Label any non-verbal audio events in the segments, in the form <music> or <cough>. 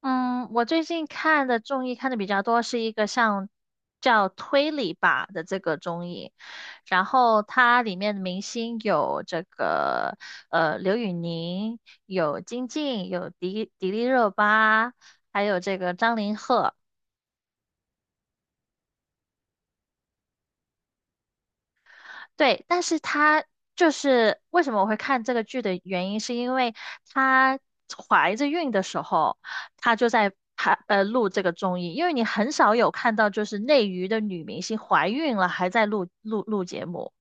嗯，我最近看的综艺看的比较多，是一个像叫推理吧的这个综艺，然后它里面的明星有这个刘宇宁，有金靖，有迪丽热巴，还有这个张凌赫。对，但是他就是为什么我会看这个剧的原因，是因为她怀着孕的时候，她就在录这个综艺，因为你很少有看到就是内娱的女明星怀孕了还在录节目。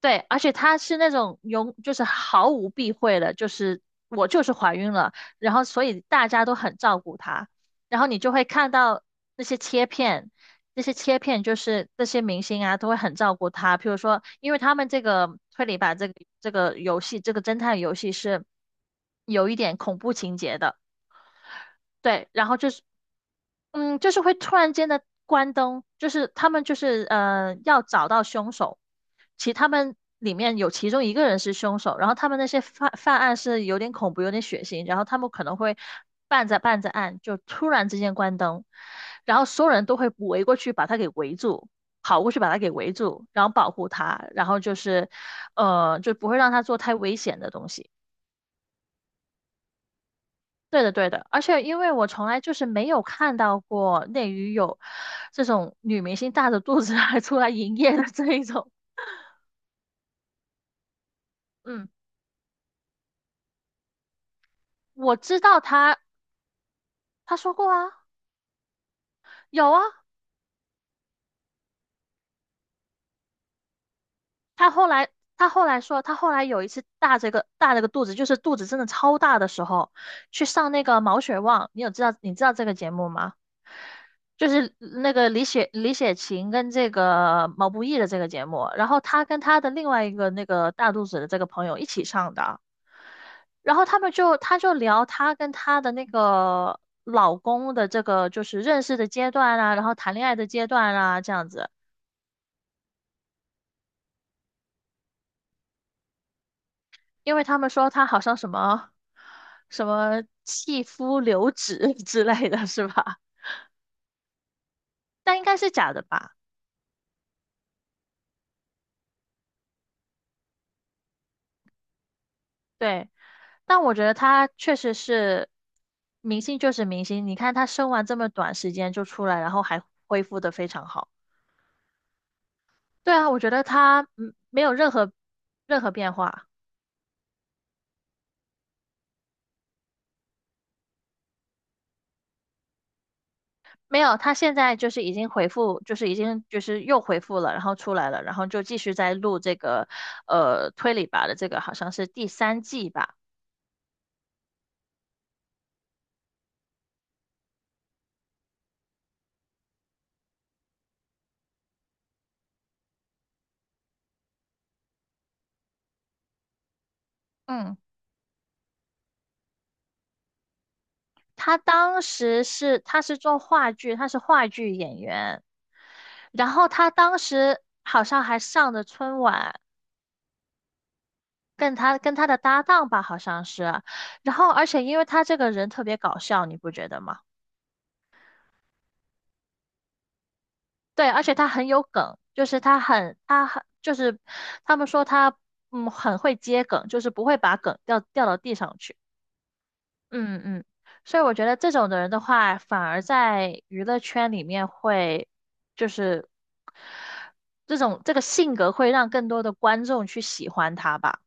对，而且她是那种就是毫无避讳的，就是我就是怀孕了，然后所以大家都很照顾她，然后你就会看到那些切片，那些切片就是那些明星啊都会很照顾她，譬如说，因为他们这个推理吧，这个游戏，这个侦探游戏是有一点恐怖情节的，对，然后就是会突然间的关灯，就是他们就是要找到凶手，其他们里面有其中一个人是凶手，然后他们那些犯案是有点恐怖、有点血腥，然后他们可能会办着办着案就突然之间关灯，然后所有人都会围过去把他给围住，跑过去把他给围住，然后保护他，然后就是就不会让他做太危险的东西。对的，对的，而且因为我从来就是没有看到过内娱有这种女明星大着肚子 <laughs> 还出来营业的这一种。嗯，我知道她，她说过啊，有啊，她后来她后来说，她后来有一次大着个肚子，就是肚子真的超大的时候，去上那个《毛血旺》，你知道这个节目吗？就是那个李雪琴跟这个毛不易的这个节目，然后她跟她的另外一个那个大肚子的这个朋友一起上的。然后他就聊她跟她的那个老公的这个就是认识的阶段啊，然后谈恋爱的阶段啊这样子，因为他们说他好像什么什么弃夫留子 <laughs> 之类的是吧？但应该是假的吧？对，但我觉得他确实是明星就是明星，你看他生完这么短时间就出来，然后还恢复的非常好。对啊，我觉得他没有任何变化。没有，他现在就是已经回复，就是已经就是又回复了，然后出来了，然后就继续在录这个推理吧的这个好像是第三季吧。嗯，他当时是他是做话剧，他是话剧演员，然后他当时好像还上着春晚，跟他的搭档吧好像是，然后而且因为他这个人特别搞笑，你不觉得吗？对，而且他很有梗，就是他很就是他们说他很会接梗，就是不会把梗掉到地上去。嗯嗯，所以我觉得这种的人的话，反而在娱乐圈里面会就是这种这个性格会让更多的观众去喜欢他吧。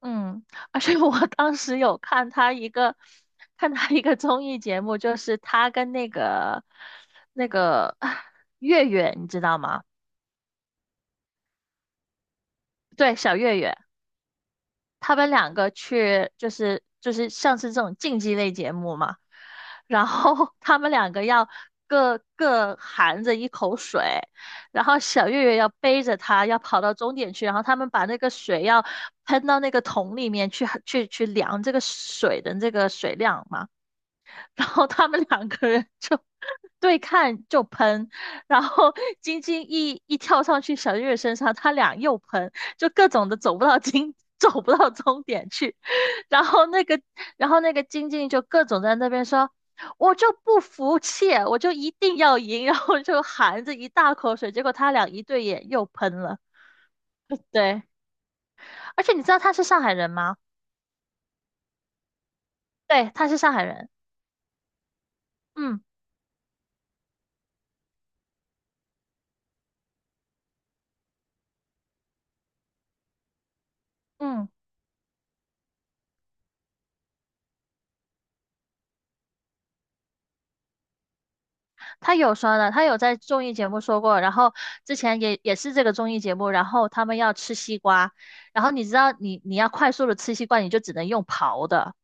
嗯，而且我 <laughs> 当时有看他一个综艺节目，就是他跟那个那个啊月月，你知道吗？对，小岳岳，他们两个去就是就是像是这种竞技类节目嘛，然后 <laughs> 他们两个要各含着一口水，然后小岳岳要背着他要跑到终点去，然后他们把那个水要喷到那个桶里面去去量这个水的这个水量嘛，然后他们两个人就 <laughs> 对看就喷，然后 <laughs> 晶晶一跳上去小月身上，他俩又喷，就各种的走不到晶，<laughs> 走不到终点去。然后那个，然后那个晶晶就各种在那边说。我就不服气，我就一定要赢，<laughs> 然后就含着一大口水，结果他俩一对眼又喷了。对，而且你知道他是上海人吗？对，他是上海人。嗯嗯。他有酸的，他有在综艺节目说过，然后之前也是这个综艺节目，然后他们要吃西瓜，然后你知道你要快速的吃西瓜，你就只能用刨的，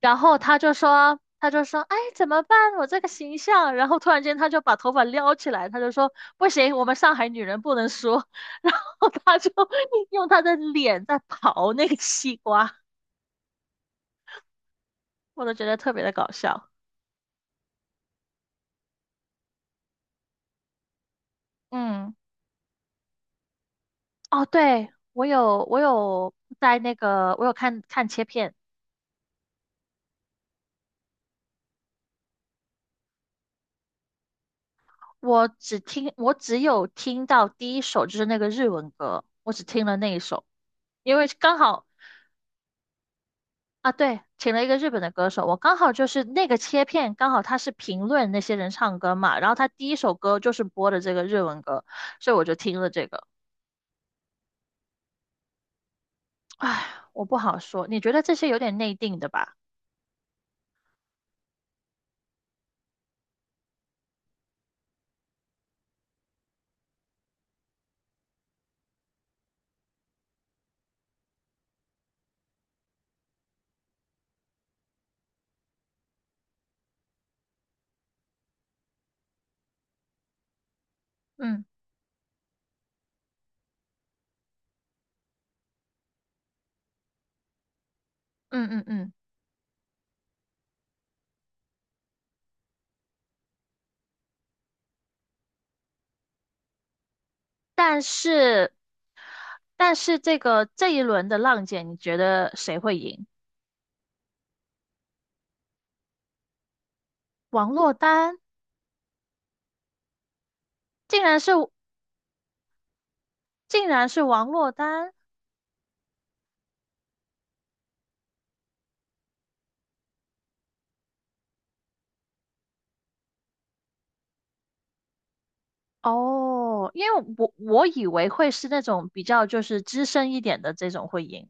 然后他就说，哎，怎么办？我这个形象，然后突然间他就把头发撩起来，他就说不行，我们上海女人不能说。<laughs> 然后他就 <laughs> 用他的脸在刨那个西瓜，我都觉得特别的搞笑。嗯，哦，对，我有我有在那个我有看看切片。我只有听到第一首就是那个日文歌，我只听了那一首，因为刚好啊，对，请了一个日本的歌手，我刚好就是那个切片，刚好他是评论那些人唱歌嘛，然后他第一首歌就是播的这个日文歌，所以我就听了这个。唉，我不好说，你觉得这些有点内定的吧？嗯嗯嗯嗯，但是但是这个这一轮的浪姐，你觉得谁会赢？王珞丹竟然是竟然是王珞丹。哦，因为我以为会是那种比较就是资深一点的这种会赢，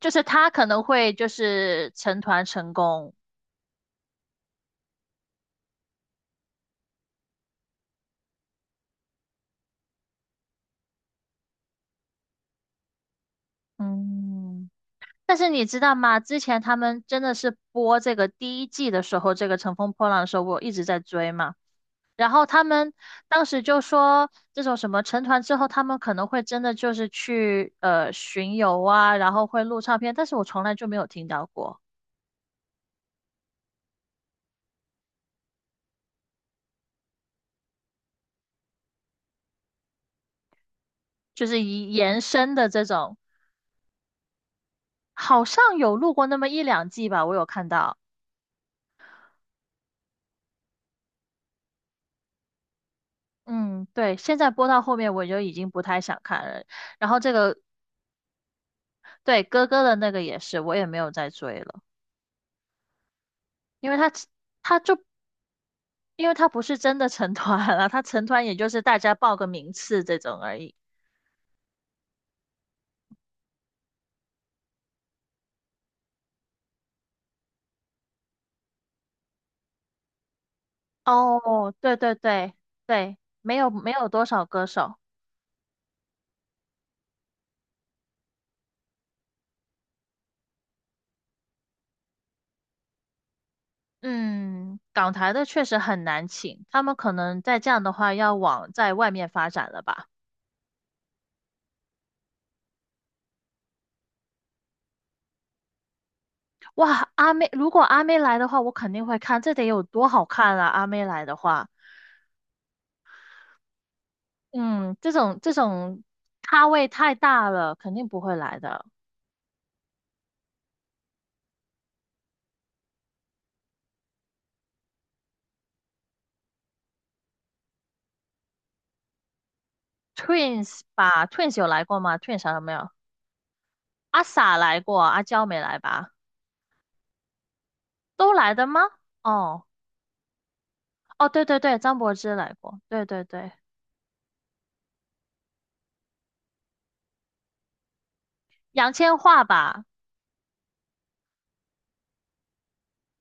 就是他可能会就是成团成功，嗯。但是你知道吗？之前他们真的是播这个第一季的时候，这个《乘风破浪》的时候，我一直在追嘛。然后他们当时就说，这种什么成团之后，他们可能会真的就是去巡游啊，然后会录唱片，但是我从来就没有听到过，就是以延伸的这种。好像有录过那么一两季吧，我有看到。嗯，对，现在播到后面我就已经不太想看了。然后这个，对，哥哥的那个也是，我也没有再追了，因为他就他不是真的成团了，他成团也就是大家报个名次这种而已。哦，对对对对，没有没有多少歌手。嗯，港台的确实很难请，他们可能在这样的话要往在外面发展了吧。哇，阿妹，如果阿妹来的话，我肯定会看，这得有多好看啊！阿妹来的话，嗯，这种咖位太大了，肯定不会来的。Twins 吧，Twins 有来过吗？Twins 啥了没有？阿 sa 来过，阿娇没来吧？都来的吗？哦哦，对对对，张柏芝来过，对对对，杨千嬅吧，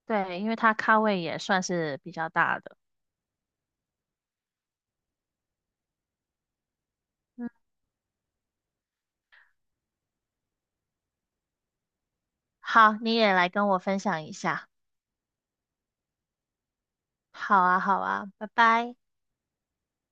对，因为她咖位也算是比较大的。嗯，好，你也来跟我分享一下。好啊，好啊，拜拜。